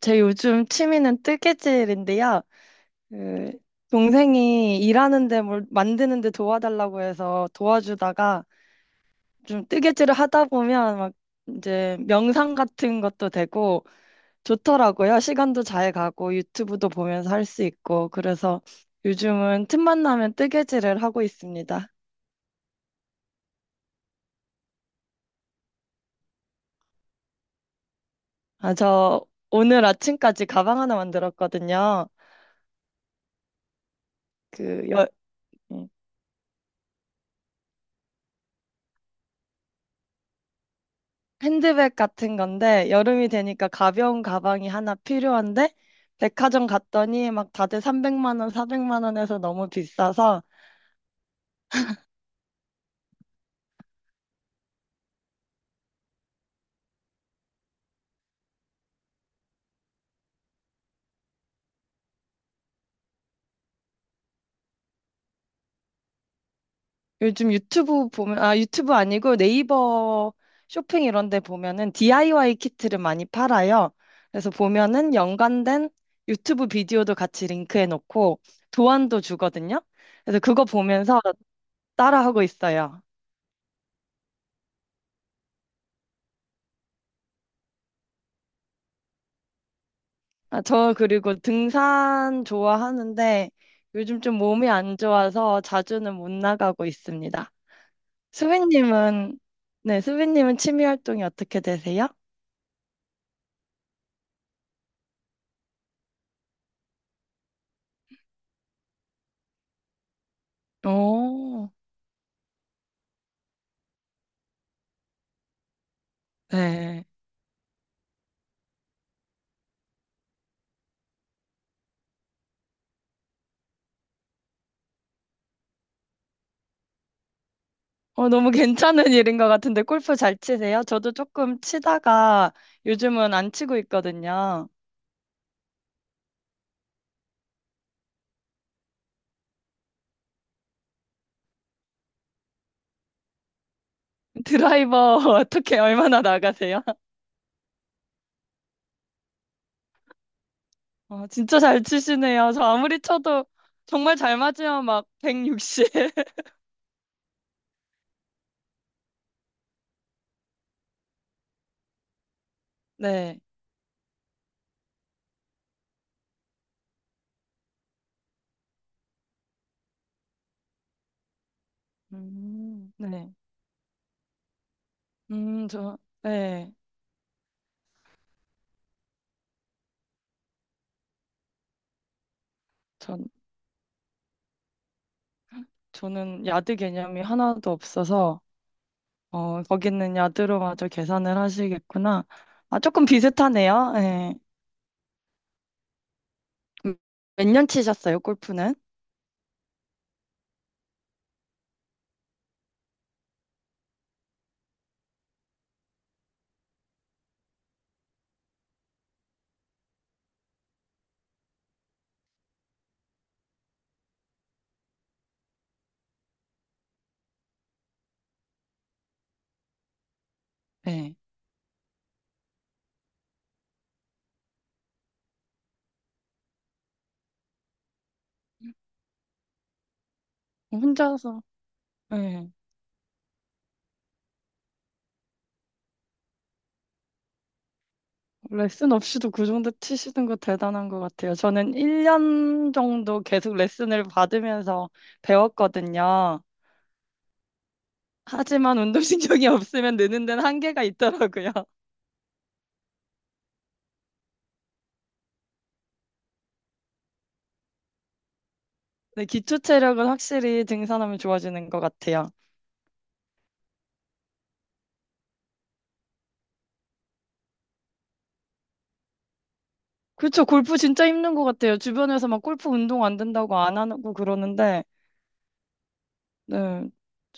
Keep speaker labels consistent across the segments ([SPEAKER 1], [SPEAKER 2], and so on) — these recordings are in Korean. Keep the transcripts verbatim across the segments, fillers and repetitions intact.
[SPEAKER 1] 제 요즘 취미는 뜨개질인데요. 그 동생이 일하는데 뭘 만드는데 도와달라고 해서 도와주다가 좀 뜨개질을 하다 보면 막 이제 명상 같은 것도 되고 좋더라고요. 시간도 잘 가고 유튜브도 보면서 할 수 있고 그래서 요즘은 틈만 나면 뜨개질을 하고 있습니다. 아, 저 오늘 아침까지 가방 하나 만들었거든요. 그 여, 예. 핸드백 같은 건데 여름이 되니까 가벼운 가방이 하나 필요한데 백화점 갔더니 막 다들 삼백만 원, 사백만 원에서 너무 비싸서 요즘 유튜브 보면 아 유튜브 아니고 네이버 쇼핑 이런 데 보면은 디아이와이 키트를 많이 팔아요. 그래서 보면은 연관된 유튜브 비디오도 같이 링크해 놓고 도안도 주거든요. 그래서 그거 보면서 따라하고 있어요. 아, 저 그리고 등산 좋아하는데 요즘 좀 몸이 안 좋아서 자주는 못 나가고 있습니다. 수빈님은, 네, 수빈님은 취미 활동이 어떻게 되세요? 오, 네. 어, 너무 괜찮은 일인 것 같은데 골프 잘 치세요? 저도 조금 치다가 요즘은 안 치고 있거든요. 드라이버 어떻게 얼마나 나가세요? 어, 진짜 잘 치시네요. 저 아무리 쳐도 정말 잘 맞으면 막 백육십. 네. 음, 네. 음, 저, 네. 전, 저는 야드 개념이 하나도 없어서, 어, 거기는 야드로 마저 계산을 하시겠구나. 아, 조금 비슷하네요. 네. 몇 년 치셨어요, 골프는? 네. 혼자서, 네. 레슨 없이도 그 정도 치시는 거 대단한 것 같아요. 저는 일 년 정도 계속 레슨을 받으면서 배웠거든요. 하지만 운동신경이 없으면 느는 데는 한계가 있더라고요. 네, 기초 체력은 확실히 등산하면 좋아지는 것 같아요. 그쵸. 골프 진짜 힘든 것 같아요. 주변에서 막 골프 운동 안 된다고 안 하고 그러는데, 네.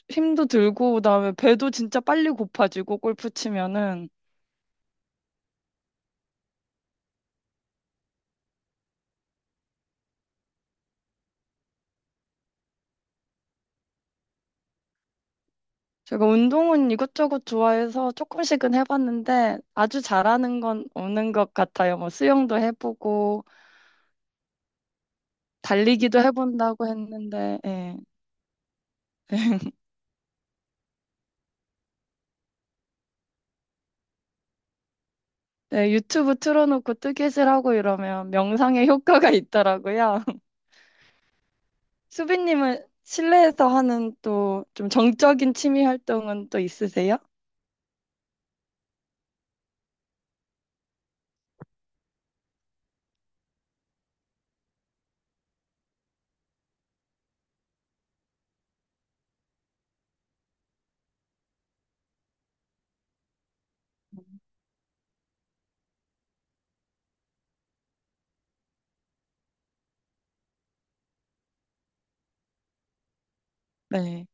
[SPEAKER 1] 힘도 들고, 그다음에 배도 진짜 빨리 고파지고, 골프 치면은. 제가 운동은 이것저것 좋아해서 조금씩은 해봤는데, 아주 잘하는 건 없는 것 같아요. 뭐, 수영도 해보고, 달리기도 해본다고 했는데, 예. 네, 유튜브 틀어놓고 뜨개질하고 이러면 명상에 효과가 있더라고요. 수빈님은 실내에서 하는 또 좀 정적인 취미 활동은 또 있으세요? 네,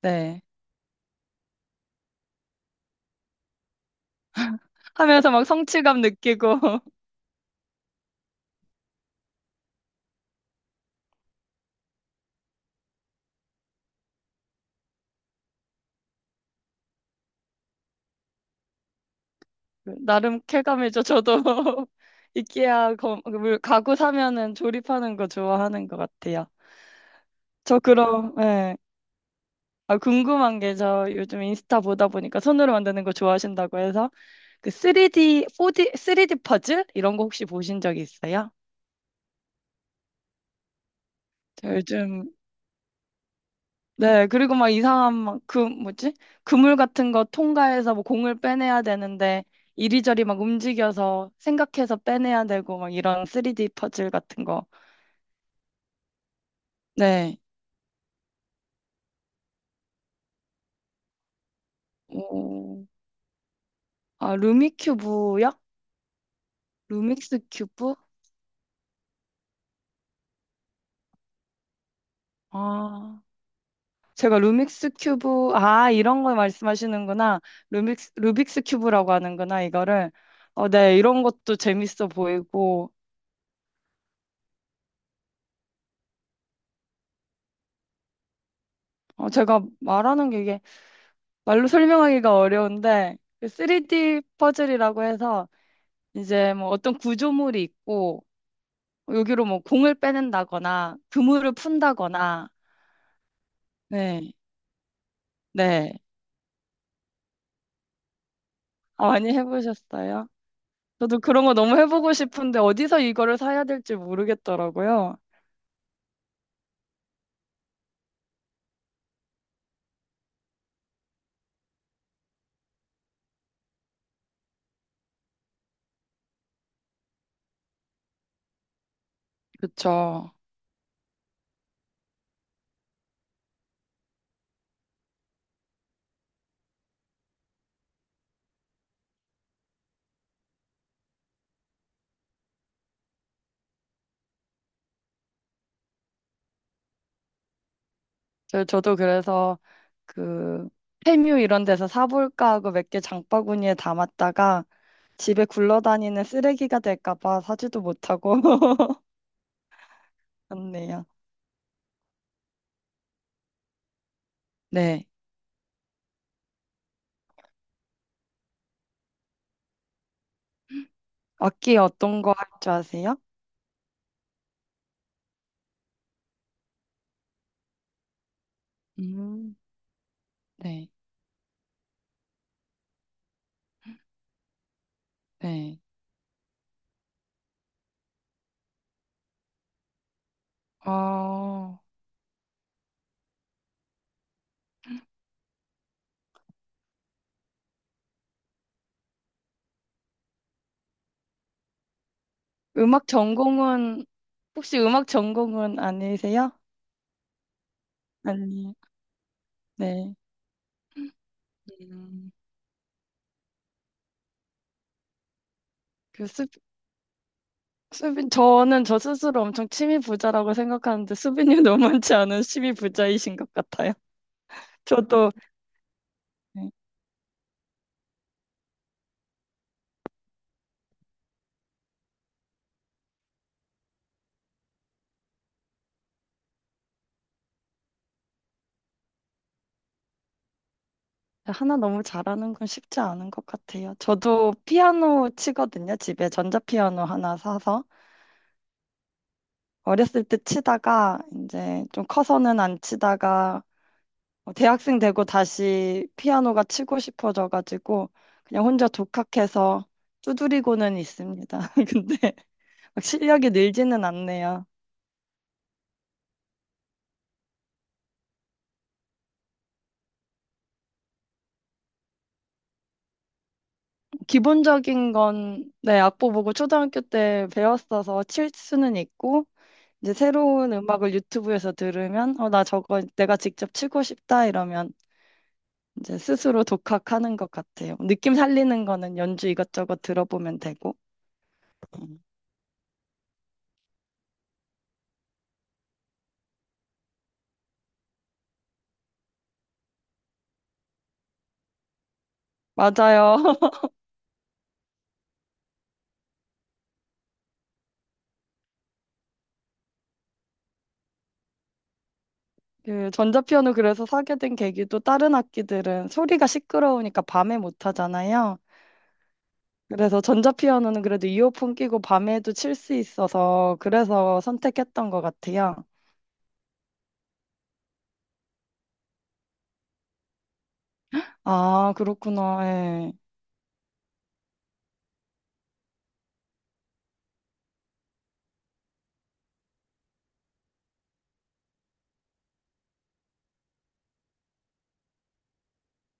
[SPEAKER 1] 네. 하면서 막 성취감 느끼고 나름 쾌감이죠. 저도 이케아 거, 물- 가구 사면은 조립하는 거 좋아하는 것 같아요. 저 그럼 예. 아, 궁금한 게 저 요즘 인스타 보다 보니까 손으로 만드는 거 좋아하신다고 해서 그 쓰리디, 포디, 쓰리디 퍼즐 이런 거 혹시 보신 적 있어요? 저 요즘 네, 그리고 막 이상한 막 그 뭐지? 그물 같은 거 통과해서 뭐 공을 빼내야 되는데 이리저리 막 움직여서 생각해서 빼내야 되고 막 이런 쓰리디 퍼즐 같은 거. 네. 오. 아, 루미큐브요? 루믹스 큐브? 아. 제가 루믹스 큐브 아, 이런 걸 말씀하시는구나. 루믹스 루빅스 큐브라고 하는구나, 이거를. 어, 네. 이런 것도 재밌어 보이고. 어, 제가 말하는 게 이게 말로 설명하기가 어려운데 그 쓰리디 퍼즐이라고 해서 이제 뭐 어떤 구조물이 있고 여기로 뭐 공을 빼낸다거나 그물을 푼다거나 네, 네. 아, 많이 해보셨어요? 저도 그런 거 너무 해보고 싶은데 어디서 이거를 사야 될지 모르겠더라고요. 그쵸. 저, 저도 그래서 그 페뮤 이런 데서 사볼까 하고 몇 개 장바구니에 담았다가 집에 굴러다니는 쓰레기가 될까 봐 사지도 못하고 그렇네요. 네. 악기 어떤 거 할 줄 아세요? 음, 네, 네. 아, 음악 전공은, 혹시 음악 전공은 아니세요? 아니, 네. 음, 그 수, 수빈, 저는 저 스스로 엄청 취미 부자라고 생각하는데 수빈님 너무 많지 않은 취미 부자이신 것 같아요. 저도 네. 하나 너무 잘하는 건 쉽지 않은 것 같아요. 저도 피아노 치거든요. 집에 전자피아노 하나 사서. 어렸을 때 치다가 이제 좀 커서는 안 치다가 어, 대학생 되고 다시 피아노가 치고 싶어져가지고 그냥 혼자 독학해서 두드리고는 있습니다. 근데 막 실력이 늘지는 않네요. 기본적인 건 네, 악보 보고 초등학교 때 배웠어서 칠 수는 있고 이제 새로운 음악을 유튜브에서 들으면 어, 나 저거 내가 직접 치고 싶다 이러면 이제 스스로 독학하는 것 같아요. 느낌 살리는 거는 연주 이것저것 들어보면 되고. 맞아요. 그 전자피아노 그래서 사게 된 계기도 다른 악기들은 소리가 시끄러우니까 밤에 못 하잖아요. 그래서 전자피아노는 그래도 이어폰 끼고 밤에도 칠 수 있어서 그래서 선택했던 것 같아요. 아, 그렇구나. 예.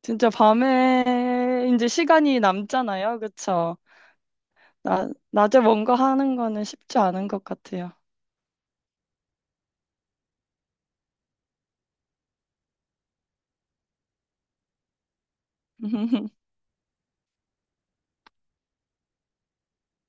[SPEAKER 1] 진짜 밤에 이제 시간이 남잖아요. 그쵸? 나, 낮에 뭔가 하는 거는 쉽지 않은 것 같아요.